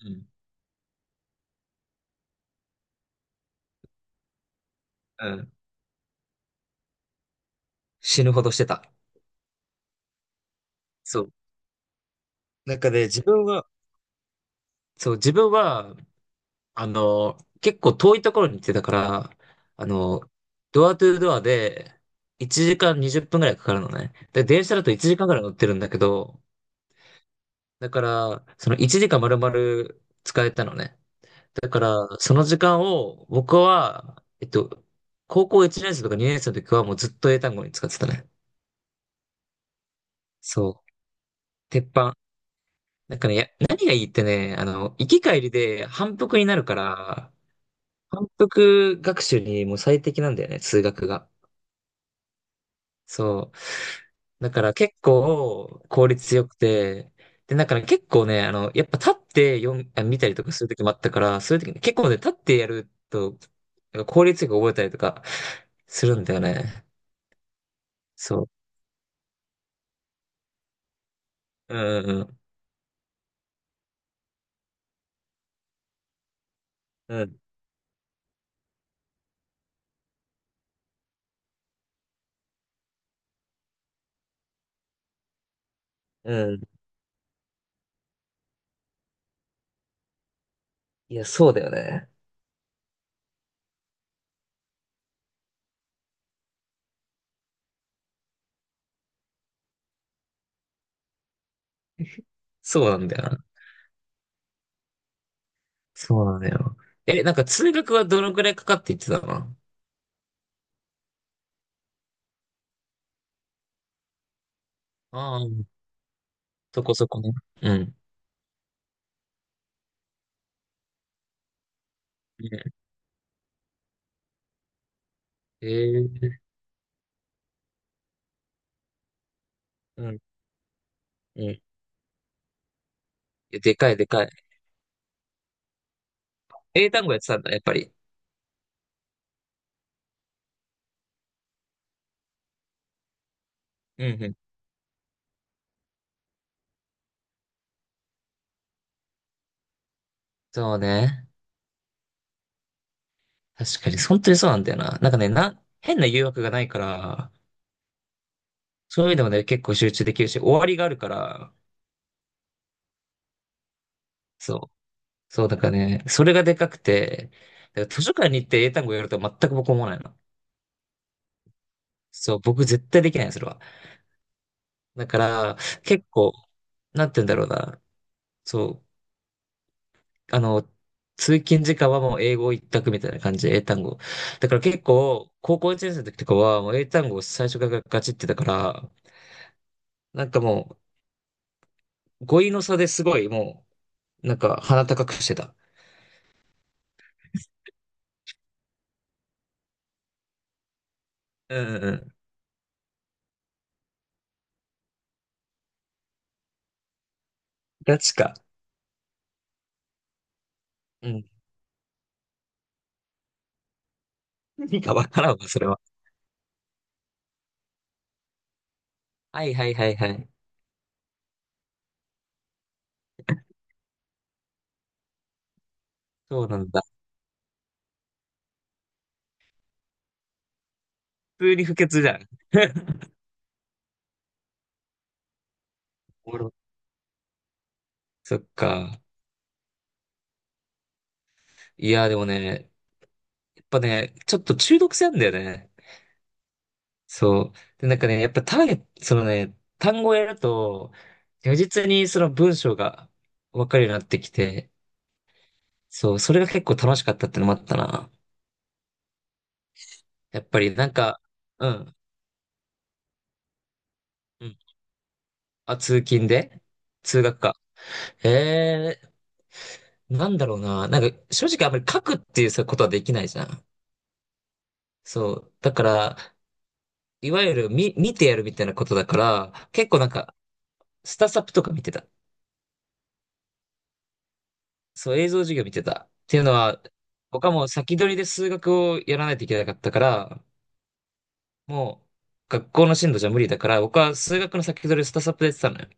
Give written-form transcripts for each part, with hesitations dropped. うん。うん。死ぬほどしてた。そう。なんかね、自分は、そう、自分は、結構遠いところに行ってたから、あの、ドアトゥードアで1時間20分ぐらいかかるのね。で、電車だと1時間ぐらい乗ってるんだけど、だから、その1時間丸々使えたのね。だから、その時間を僕は、高校1年生とか2年生の時はもうずっと英単語に使ってたね。そう。鉄板。なんかね、何がいいってね、行き帰りで反復になるから、反復学習にもう最適なんだよね、数学が。そう。だから結構効率よくて、で、だから結構ね、やっぱ立って読ん、あ、見たりとかするときもあったから、そういうとき結構ね、立ってやると、なんか効率よく覚えたりとかするんだよね。そう。うんうんうん。うん。うん。いや、そうだよね。そうなんだよな。そうなんだよ。え、なんか通学はどのくらいかかって言ってたの？ああ、そこそこね。うん。ええー、うん、うん。いや、でかいでかい。英単語やってたんだ、やっぱり。うんうん。そうね。確かに、本当にそうなんだよな。なんかね、変な誘惑がないから、そういう意味でもね、結構集中できるし、終わりがあるから、そう。そう、だからね、それがでかくて、だから図書館に行って英単語やるとは全く僕思わないの。そう、僕絶対できないの、それは。だから、結構、なんて言うんだろうな。そう、通勤時間はもう英語一択みたいな感じで英単語。だから結構、高校1年生の時とかはもう英単語を最初からガチってたから、なんかもう、語彙の差ですごいもう、なんか鼻高くしてた。うんうんうん。ガチか。うん。何かわからんわ、それは。はいはいはいはい。そうなんだ。普通に不潔じゃん。おもろ。そっか。いや、でもね、やっぱね、ちょっと中毒性あんだよね。そう。で、なんかね、やっぱそのね、単語をやると、如実にその文章がわかるようになってきて、そう、それが結構楽しかったってのもあったな。やっぱりなんか、うん、うん。あ、通勤で通学か。ええ、なんだろうな。なんか、正直あんまり書くっていうことはできないじゃん。そう。だから、いわゆる見てやるみたいなことだから、結構なんか、スタサプとか見てた。そう、映像授業見てた。っていうのは、僕はもう先取りで数学をやらないといけなかったから、もう学校の進度じゃ無理だから、僕は数学の先取りをスタサプでやってたのよ。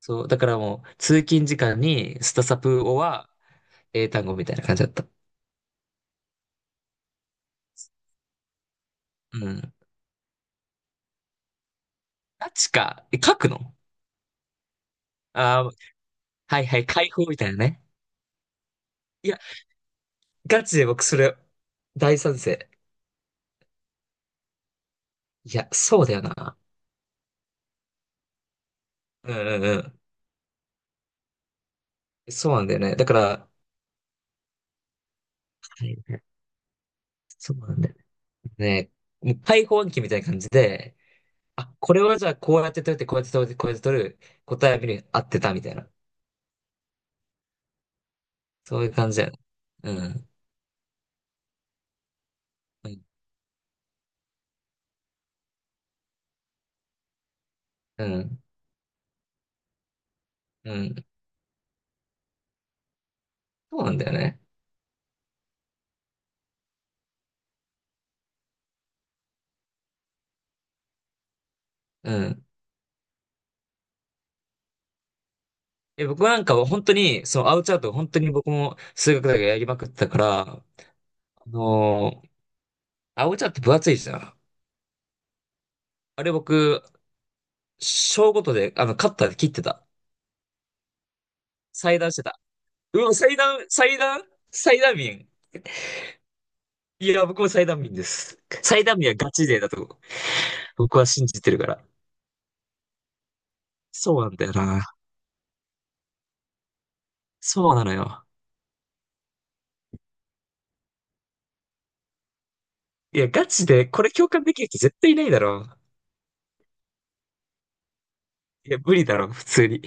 そう、だからもう通勤時間にスタサプをは英単語みたいな感じだった。うん。ガチか。え、書くの？ああー、はいはい、解放みたいなね。いや、ガチで僕それ大賛成。いや、そうだよな。うんうんうん。そうなんだよね。だから、はいはい、そうなんだよ。ね、もう開放暗記みたいな感じで、あ、これはじゃあこうやって取って、こうやって取って、こうやって取る、答えは見る、合ってたみたいな。そういう感じだよね。うん。うん。うん。うん、そうなんだよね。うん。え、僕なんかは本当に、その青チャート、本当に僕も数学だけやりまくってたから、あのー青チャート分厚いじゃん。あれ僕、小ごとで、カッターで切ってた。裁断してた。うわ、裁断、裁断、裁断民。いや、僕も裁断民です。裁断民はガチ勢だと思う。僕は信じてるから。そうなんだよな。そうなのよ。いや、ガチで、これ共感できる人絶対いないだろう。いや、無理だろう、普通に。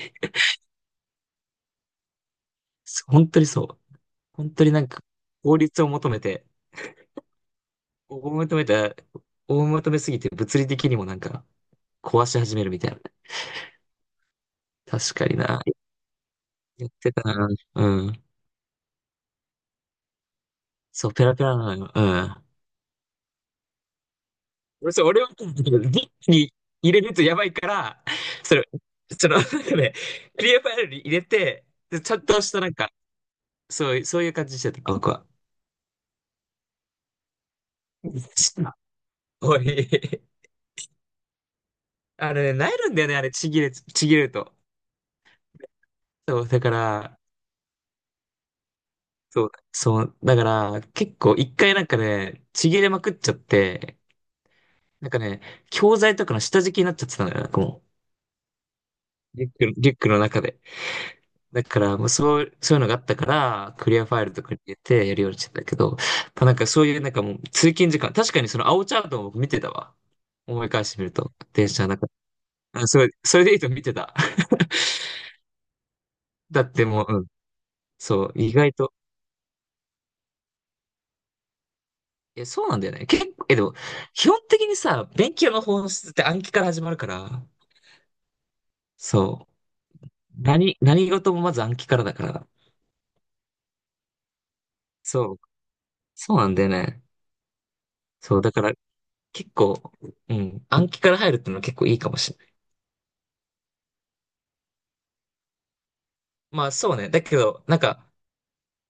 そう、本当にそう。本当になんか、効率を求めた、を求めすぎて物理的にもなんか、壊し始めるみたいな。確かにな。やってたな。うん。そう、ペラペラなのよ。うん。俺、そう、俺は、リップに入れるとやばいから、それ、その、なんかね、クリアファイルに入れて、でちゃんとしたなんか、そう、そういう感じしてた、この子は。おい、あれね、なえるんだよね、あれ、ちぎれると。そう、だから、そう、そう、だから、結構一回なんかね、ちぎれまくっちゃって、なんかね、教材とかの下敷きになっちゃってたのよ、なんかもう、リュックの中で。だから、もうそう、そういうのがあったから、クリアファイルとかに入れてやるようにしてたけど、やっぱなんかそういうなんかもう通勤時間、確かにその青チャートを見てたわ。思い返してみると、電車の中。あ、それでいいと見てた。だってもう、うん。そう、意外と。え、そうなんだよね。結構、え、でも、基本的にさ、勉強の本質って暗記から始まるから、そう。何事もまず暗記からだから。そう。そうなんだよね。そう、だから、結構、うん、暗記から入るってのは結構いいかもしれない。まあ、そうね。だけど、なんか、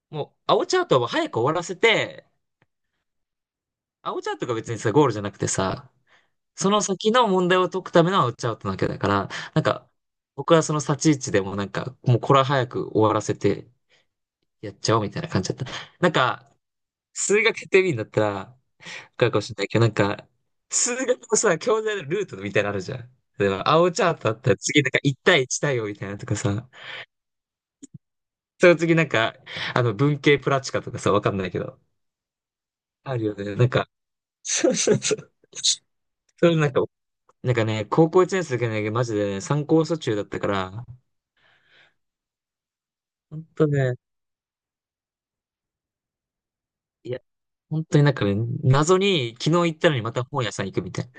もう、青チャートは早く終わらせて、青チャートが別にさ、ゴールじゃなくてさ、その先の問題を解くためのアウトアウトなわけだから、なんか、僕はその立ち位置でもなんか、もうこれは早く終わらせてやっちゃおうみたいな感じだった。なんか、数学やってみるんだったら、わかるかもしれないけど、なんか、数学のさ、教材のルートみたいなのあるじゃん。例えば、青チャートだったら次なんか1対1対応みたいなのとかさ、その次なんか、文系プラチカとかさ、わかんないけど、あるよね。なんか、そうそうそう。それなんか、なんかね、高校1年生だけどね、マジでね、参考書中だったから、本当ね、いや、本当になんかね、謎に昨日行ったのにまた本屋さん行くみたいな。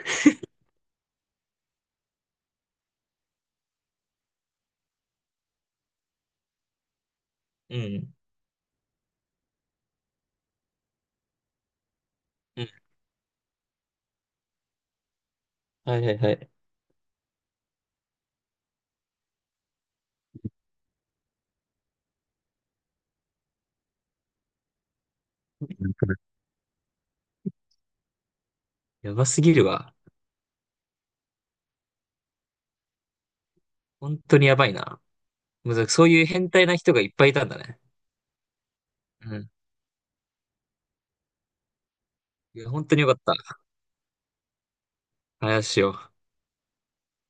うん。うん。はいはいはい。やばすぎるわ。本当にやばいな。もうそういう変態な人がいっぱいいたんだね。うん。いや、本当によかった。話を。